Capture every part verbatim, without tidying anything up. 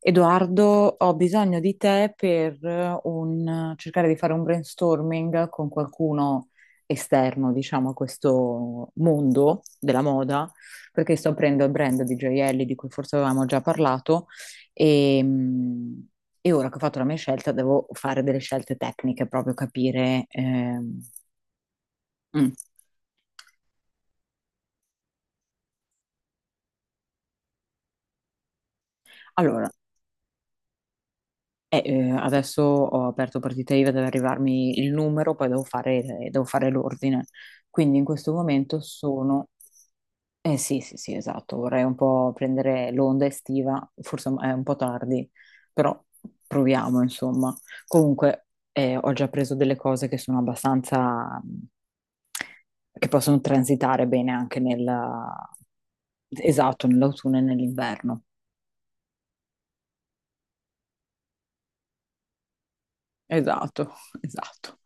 Edoardo, ho bisogno di te per eh, un- cercare di fare un brainstorming con qualcuno esterno, diciamo, a questo mondo della moda, perché sto aprendo il brand di gioielli di cui forse avevamo già parlato e, mh, e ora che ho fatto la mia scelta devo fare delle scelte tecniche, proprio capire... ehm, Mm. Allora, Eh, eh, adesso ho aperto partita I V A, deve arrivarmi il numero, poi devo fare, eh, devo fare l'ordine. Quindi in questo momento sono... Eh sì, sì, sì, esatto, vorrei un po' prendere l'onda estiva, forse è un po' tardi, però proviamo, insomma. Comunque eh, ho già preso delle cose che sono abbastanza... che possono transitare bene anche nella... esatto, nell'autunno e nell'inverno. Esatto, esatto.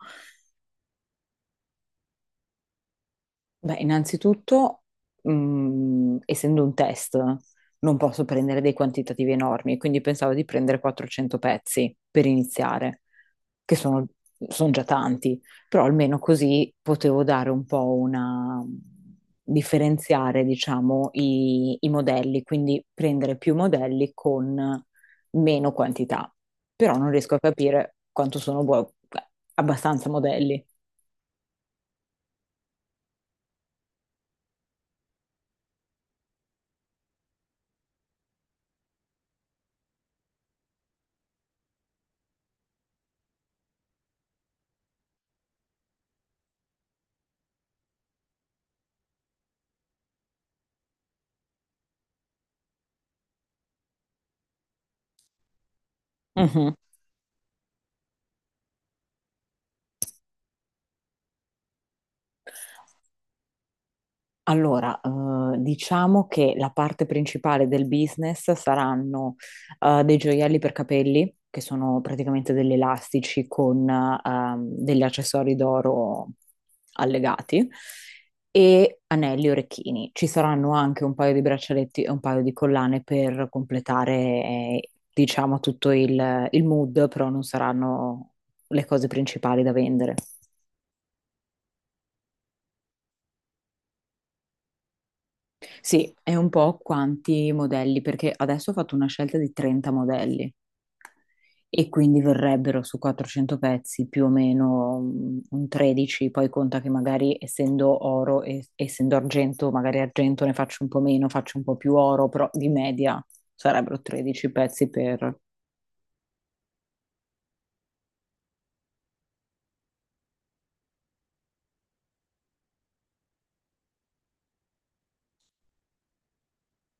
Beh, innanzitutto, mm, essendo un test, non posso prendere dei quantitativi enormi, quindi pensavo di prendere quattrocento pezzi per iniziare, che sono, sono già tanti, però almeno così potevo dare un po' una... differenziare, diciamo, i, i modelli, quindi prendere più modelli con meno quantità. Però non riesco a capire quanto sono buo- abbastanza modelli. Mhm. Allora, eh, diciamo che la parte principale del business saranno eh, dei gioielli per capelli, che sono praticamente degli elastici con ehm, degli accessori d'oro allegati, e anelli e orecchini. Ci saranno anche un paio di braccialetti e un paio di collane per completare, eh, diciamo, tutto il il mood, però non saranno le cose principali da vendere. Sì, è un po' quanti modelli, perché adesso ho fatto una scelta di trenta modelli e quindi verrebbero su quattrocento pezzi più o meno mm, un tredici, poi conta che magari essendo oro e essendo argento, magari argento ne faccio un po' meno, faccio un po' più oro, però di media sarebbero tredici pezzi per...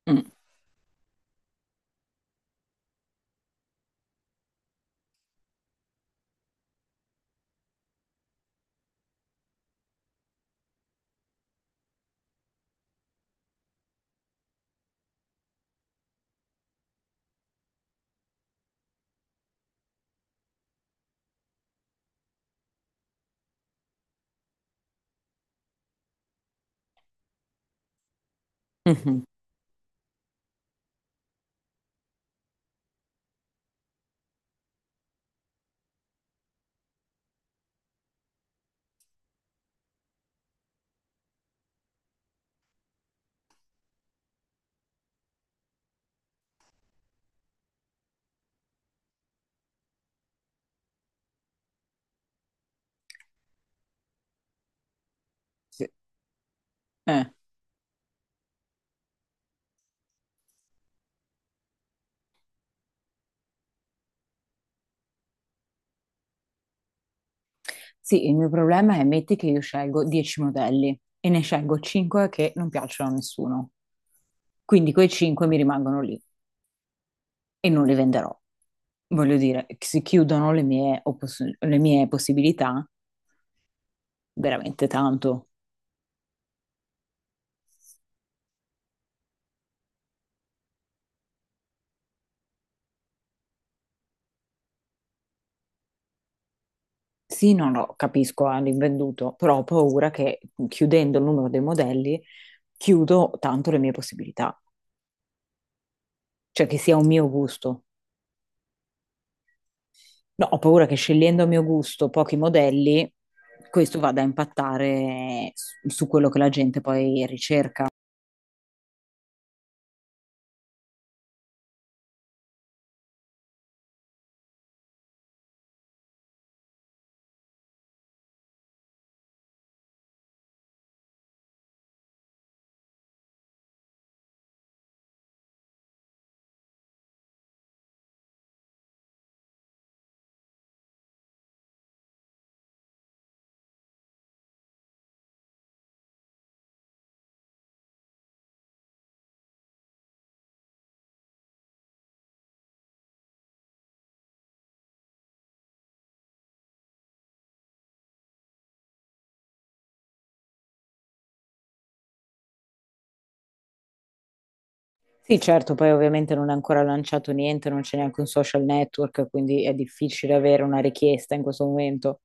Mm, mhm. Sì. Eh. Sì, il mio problema è metti che io scelgo dieci modelli e ne scelgo cinque che non piacciono a nessuno. Quindi quei cinque mi rimangono lì, e non li venderò. Voglio dire, si chiudono le mie, oppos- le mie possibilità veramente tanto. Sì, no, no, capisco, ah, l'invenduto, però ho paura che chiudendo il numero dei modelli chiudo tanto le mie possibilità, cioè che sia un mio gusto. No, ho paura che scegliendo a mio gusto pochi modelli, questo vada a impattare su su quello che la gente poi ricerca. Sì, certo, poi ovviamente non è ancora lanciato niente, non c'è neanche un social network, quindi è difficile avere una richiesta in questo momento.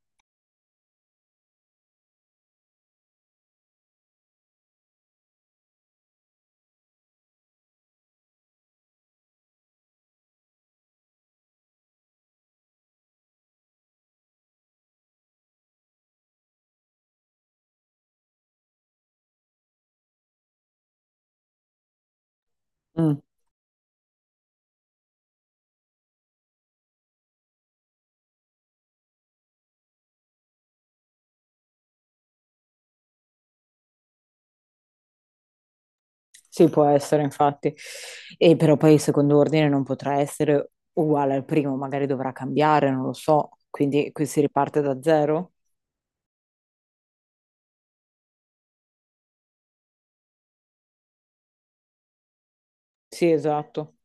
Mm, sì, può essere, infatti. E però poi il secondo ordine non potrà essere uguale al primo, magari dovrà cambiare, non lo so. Quindi qui si riparte da zero? Sì, esatto.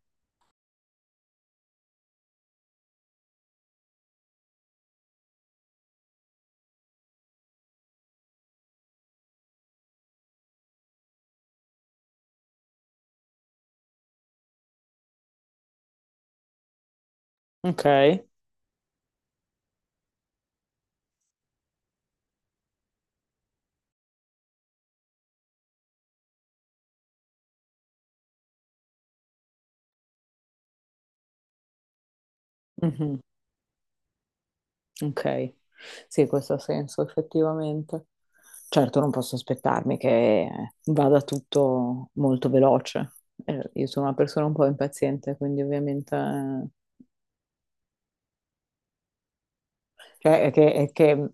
Ok. Mhm, ok. Sì, questo ha senso, effettivamente. Certo, non posso aspettarmi che vada tutto molto veloce. Eh, io sono una persona un po' impaziente, quindi ovviamente eh, cioè, è che, è che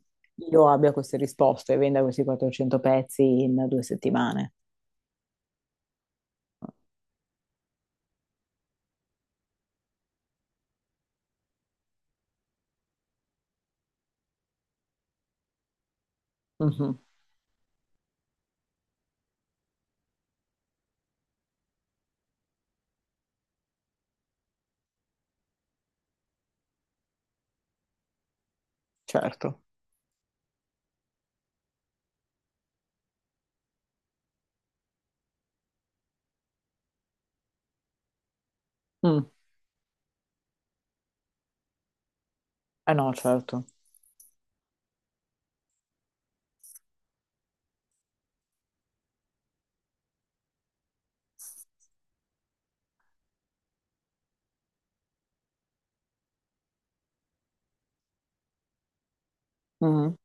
io abbia queste risposte e venda questi quattrocento pezzi in due settimane. Mhm, certo. Mm. Eh no, certo. Mhm.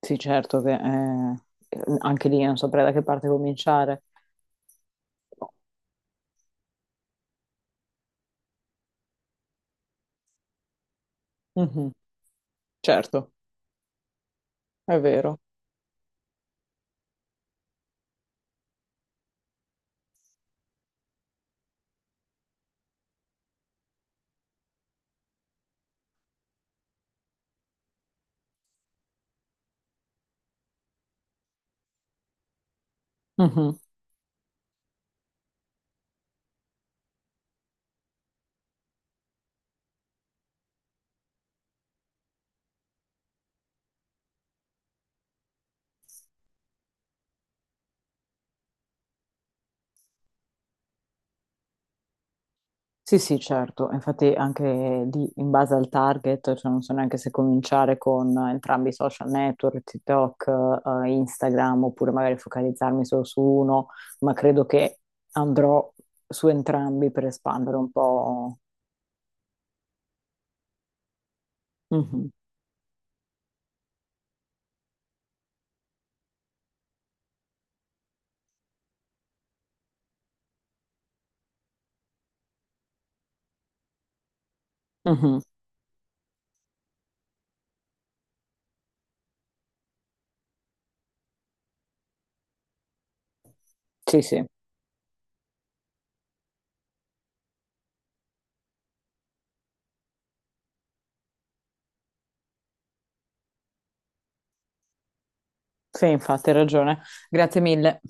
Sì, certo che eh, anche lì non saprei da che parte cominciare. Mhm, certo, è vero. Mhm. Sì, sì, certo, infatti anche lì in base al target, cioè non so neanche se cominciare con entrambi i social network, TikTok, eh, Instagram, oppure magari focalizzarmi solo su uno, ma credo che andrò su entrambi per espandere un po'. Mhm, mhm. Sì, sì, sì, infatti hai ragione. Grazie mille.